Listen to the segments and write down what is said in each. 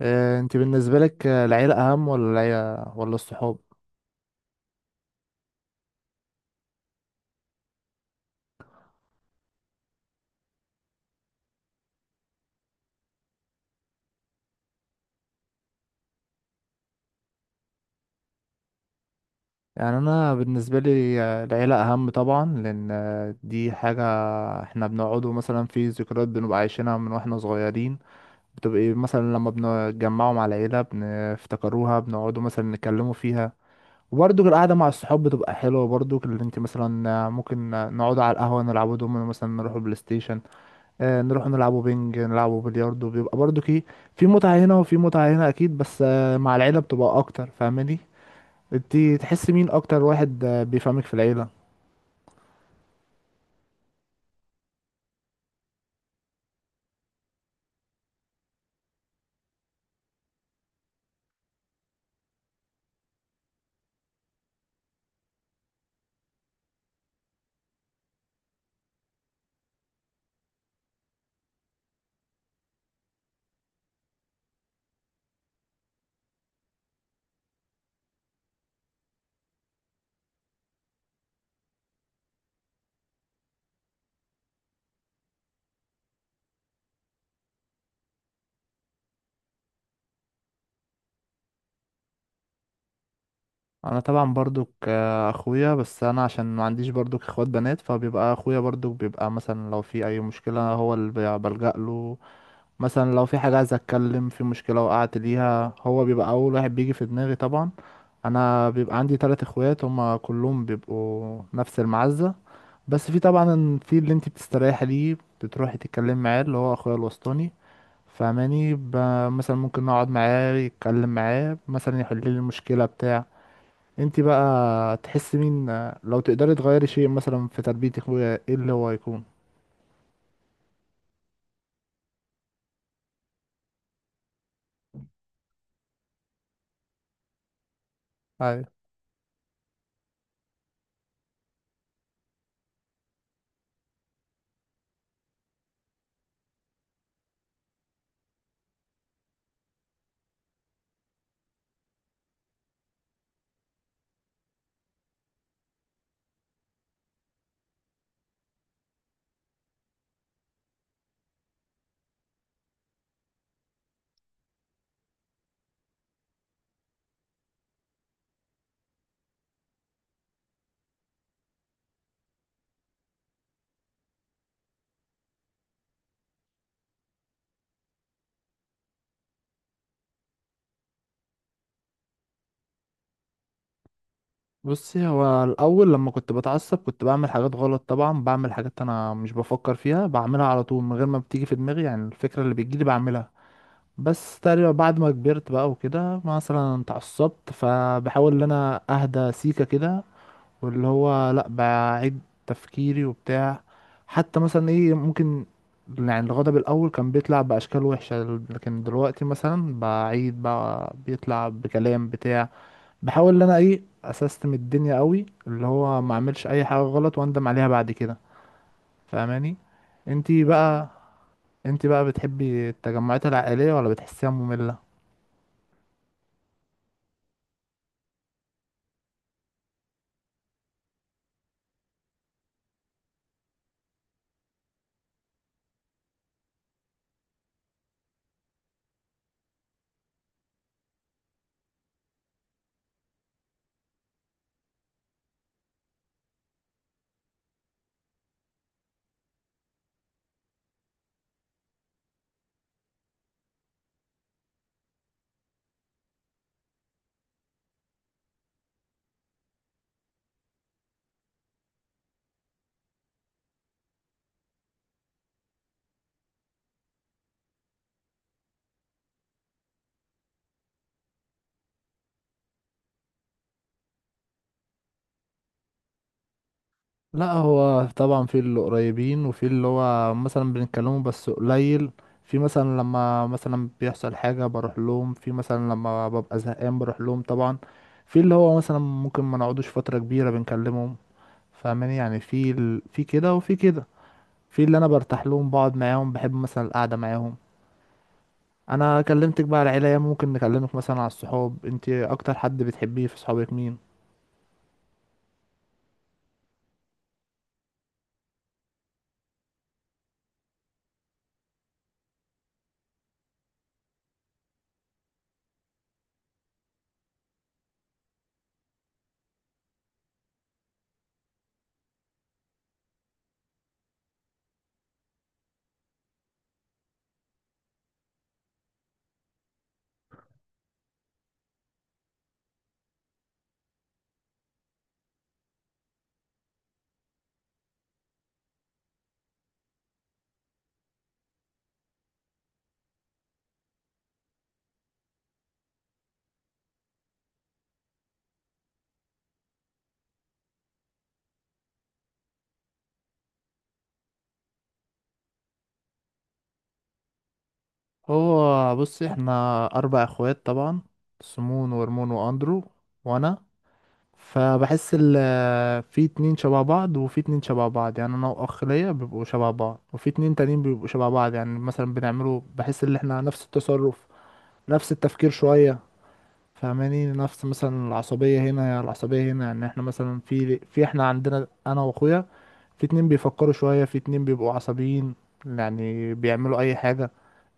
انت بالنسبة لك العيلة اهم ولا العيلة ولا الصحاب؟ يعني انا بالنسبة لي العيلة اهم طبعا، لان دي حاجة احنا بنقعدوا مثلا في ذكريات بنبقى عايشينها من واحنا صغيرين، بتبقى إيه، مثلا لما بنتجمعوا مع العيلة بنفتكروها، بنقعدوا مثلا نتكلموا فيها. وبرضه القعدة مع الصحاب بتبقى حلوة برضه، اللي انت مثلا ممكن نقعدوا على القهوة نلعبوا دومينو، مثلا نروحوا بلاي ستيشن، نروح نلعبوا بينج، نلعبوا بلياردو، بيبقى برضو كي. في متعة هنا وفي متعة هنا أكيد، بس مع العيلة بتبقى أكتر. فاهماني؟ انت تحس مين أكتر واحد بيفهمك في العيلة؟ أنا طبعا برضو أخويا، بس أنا عشان ما عنديش برضو إخوات بنات فبيبقى أخويا برضو بيبقى مثلا لو في أي مشكلة هو اللي بلجأ له. مثلا لو في حاجة عايز أتكلم، في مشكلة وقعت ليها، هو بيبقى أول واحد بيجي في دماغي طبعا. أنا بيبقى عندي تلات إخوات هما كلهم بيبقوا نفس المعزة، بس في طبعا في اللي انت بتستريحي ليه بتروحي تتكلمي معاه، اللي هو اخويا الوسطاني، فاهماني؟ مثلا ممكن نقعد معاه، يتكلم معاه مثلا، يحل لي المشكله بتاع. انت بقى تحسي مين؟ لو تقدري تغيري شيء مثلا في تربيه اخويا، ايه اللي هو يكون؟ ايوه. بصي، هو الاول لما كنت بتعصب كنت بعمل حاجات غلط طبعا، بعمل حاجات انا مش بفكر فيها، بعملها على طول من غير ما بتيجي في دماغي، يعني الفكره اللي بتجيلي بعملها. بس تقريبا بعد ما كبرت بقى وكده، مثلا اتعصبت فبحاول ان انا اهدى سيكة كده، واللي هو لا بعيد تفكيري وبتاع. حتى مثلا ايه ممكن، يعني الغضب الاول كان بيطلع باشكال وحشة، لكن دلوقتي مثلا بعيد بقى بيطلع بكلام بتاع بحاول ان انا ايه اسستم الدنيا قوي، اللي هو ما اعملش اي حاجة غلط واندم عليها بعد كده. فاهماني؟ انتي بقى، انتي بقى، بتحبي التجمعات العائلية ولا بتحسيها مملة؟ لا، هو طبعا في اللي قريبين وفي اللي هو مثلا بنتكلمه بس قليل، في مثلا لما مثلا بيحصل حاجة بروح لهم، في مثلا لما ببقى زهقان بروح لهم طبعا، في اللي هو مثلا ممكن ما نقعدوش فترة كبيرة بنكلمهم. فاهماني؟ يعني في في كده وفي كده، في اللي انا برتاح لهم بقعد معاهم، بحب مثلا القعدة معاهم. انا كلمتك بقى على العيلة، ممكن نكلمك مثلا على الصحاب. انت اكتر حد بتحبيه في صحابك مين؟ هو بص، احنا اربع اخوات طبعا، سمون ورمون واندرو وانا. فبحس في اتنين شبه بعض وفي اتنين شبه بعض، يعني انا واخ ليا بيبقوا شبه بعض، وفي اتنين تانيين بيبقوا شبه بعض، يعني مثلا بنعملوا، بحس ان احنا نفس التصرف، نفس التفكير شوية. فاهماني؟ نفس مثلا العصبية هنا يا العصبية هنا، يعني احنا مثلا في احنا عندنا انا واخويا، في اتنين بيفكروا شوية، في اتنين بيبقوا عصبيين، يعني بيعملوا اي حاجة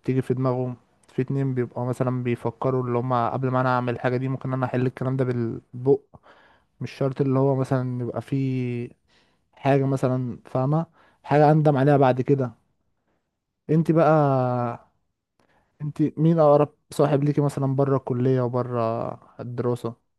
تيجي في دماغهم. في اتنين بيبقوا مثلا بيفكروا، اللي هما قبل ما انا اعمل الحاجة دي ممكن انا احل الكلام ده بالبق، مش شرط اللي هو مثلا يبقى في حاجة، مثلا فاهمة، حاجة اندم عليها بعد كده. انت بقى، انت مين اقرب صاحب ليكي مثلا بره الكلية وبره الدراسة؟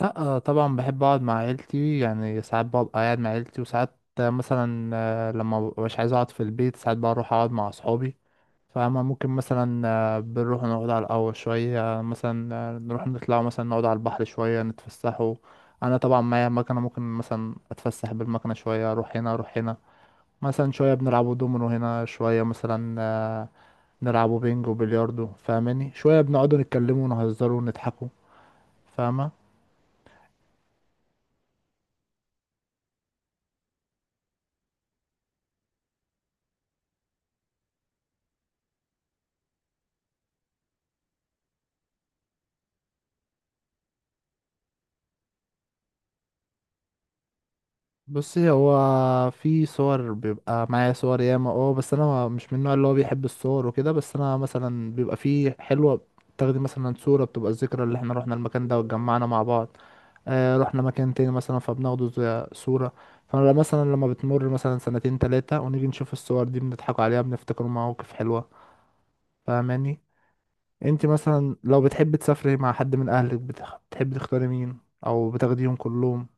لا طبعا بحب اقعد مع عيلتي، يعني ساعات ببقى قاعد مع عيلتي وساعات مثلا لما مبقاش عايز اقعد في البيت ساعات بروح اقعد مع اصحابي. فاهمة؟ ممكن مثلا بنروح نقعد على القهوة شوية، مثلا نروح نطلع، مثلا نقعد على البحر شوية نتفسحوا. أنا طبعا معايا مكنة، ممكن مثلا أتفسح بالمكنة شوية، أروح هنا أروح هنا. مثلا شوية بنلعبوا دومينو هنا، شوية مثلا نلعبوا بينج وبلياردو. فاهماني؟ شوية بنقعدوا نتكلموا ونهزروا ونضحكوا. فاهمة؟ بصي، هو في صور، بيبقى معايا صور ياما، اه، بس انا مش من النوع اللي هو بيحب الصور وكده، بس انا مثلا بيبقى في حلوة، تاخدي مثلا صورة بتبقى الذكرى اللي احنا رحنا المكان ده واتجمعنا مع بعض، آه رحنا مكان تاني مثلا فبناخده زي صورة. فانا مثلا لما بتمر مثلا سنتين تلاتة ونيجي نشوف الصور دي بنضحك عليها، بنفتكر مواقف حلوة. فاهماني؟ انت مثلا لو بتحبي تسافري مع حد من اهلك بتحبي تختاري مين، او بتاخديهم كلهم؟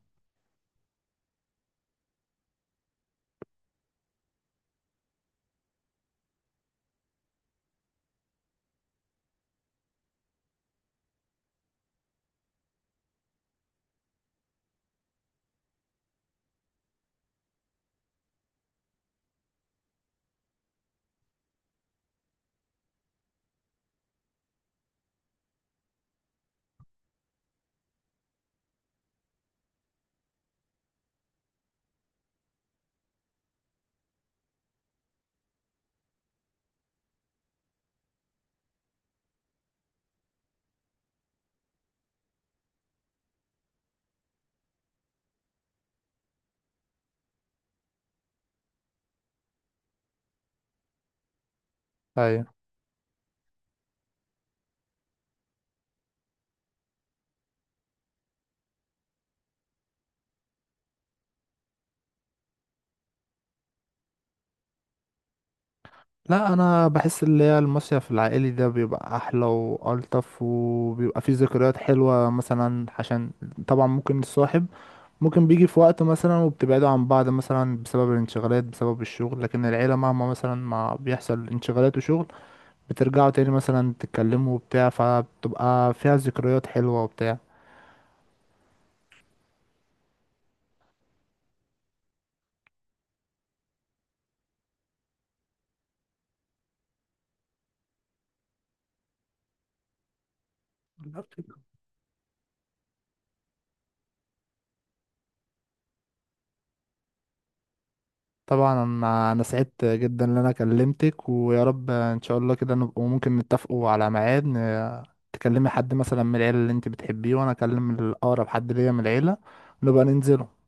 ايوه. لا انا بحس اللي هي المصيف العائلي ده بيبقى احلى والطف وبيبقى فيه ذكريات حلوه، مثلا عشان طبعا ممكن الصاحب، ممكن بيجي في وقت مثلا وبتبعدوا عن بعض مثلا بسبب الانشغالات بسبب الشغل، لكن العيله مهما مثلا ما بيحصل انشغالات وشغل بترجعوا تاني مثلا تتكلموا وبتاع، فبتبقى فيها ذكريات حلوه وبتاع. طبعا أنا سعدت جدا ان انا كلمتك، ويا رب ان شاء الله كده نبقى ممكن نتفقوا على ميعاد، تكلمي حد مثلا من العيله اللي انت بتحبيه وانا اكلم الاقرب حد ليا من العيله، نبقى ننزل.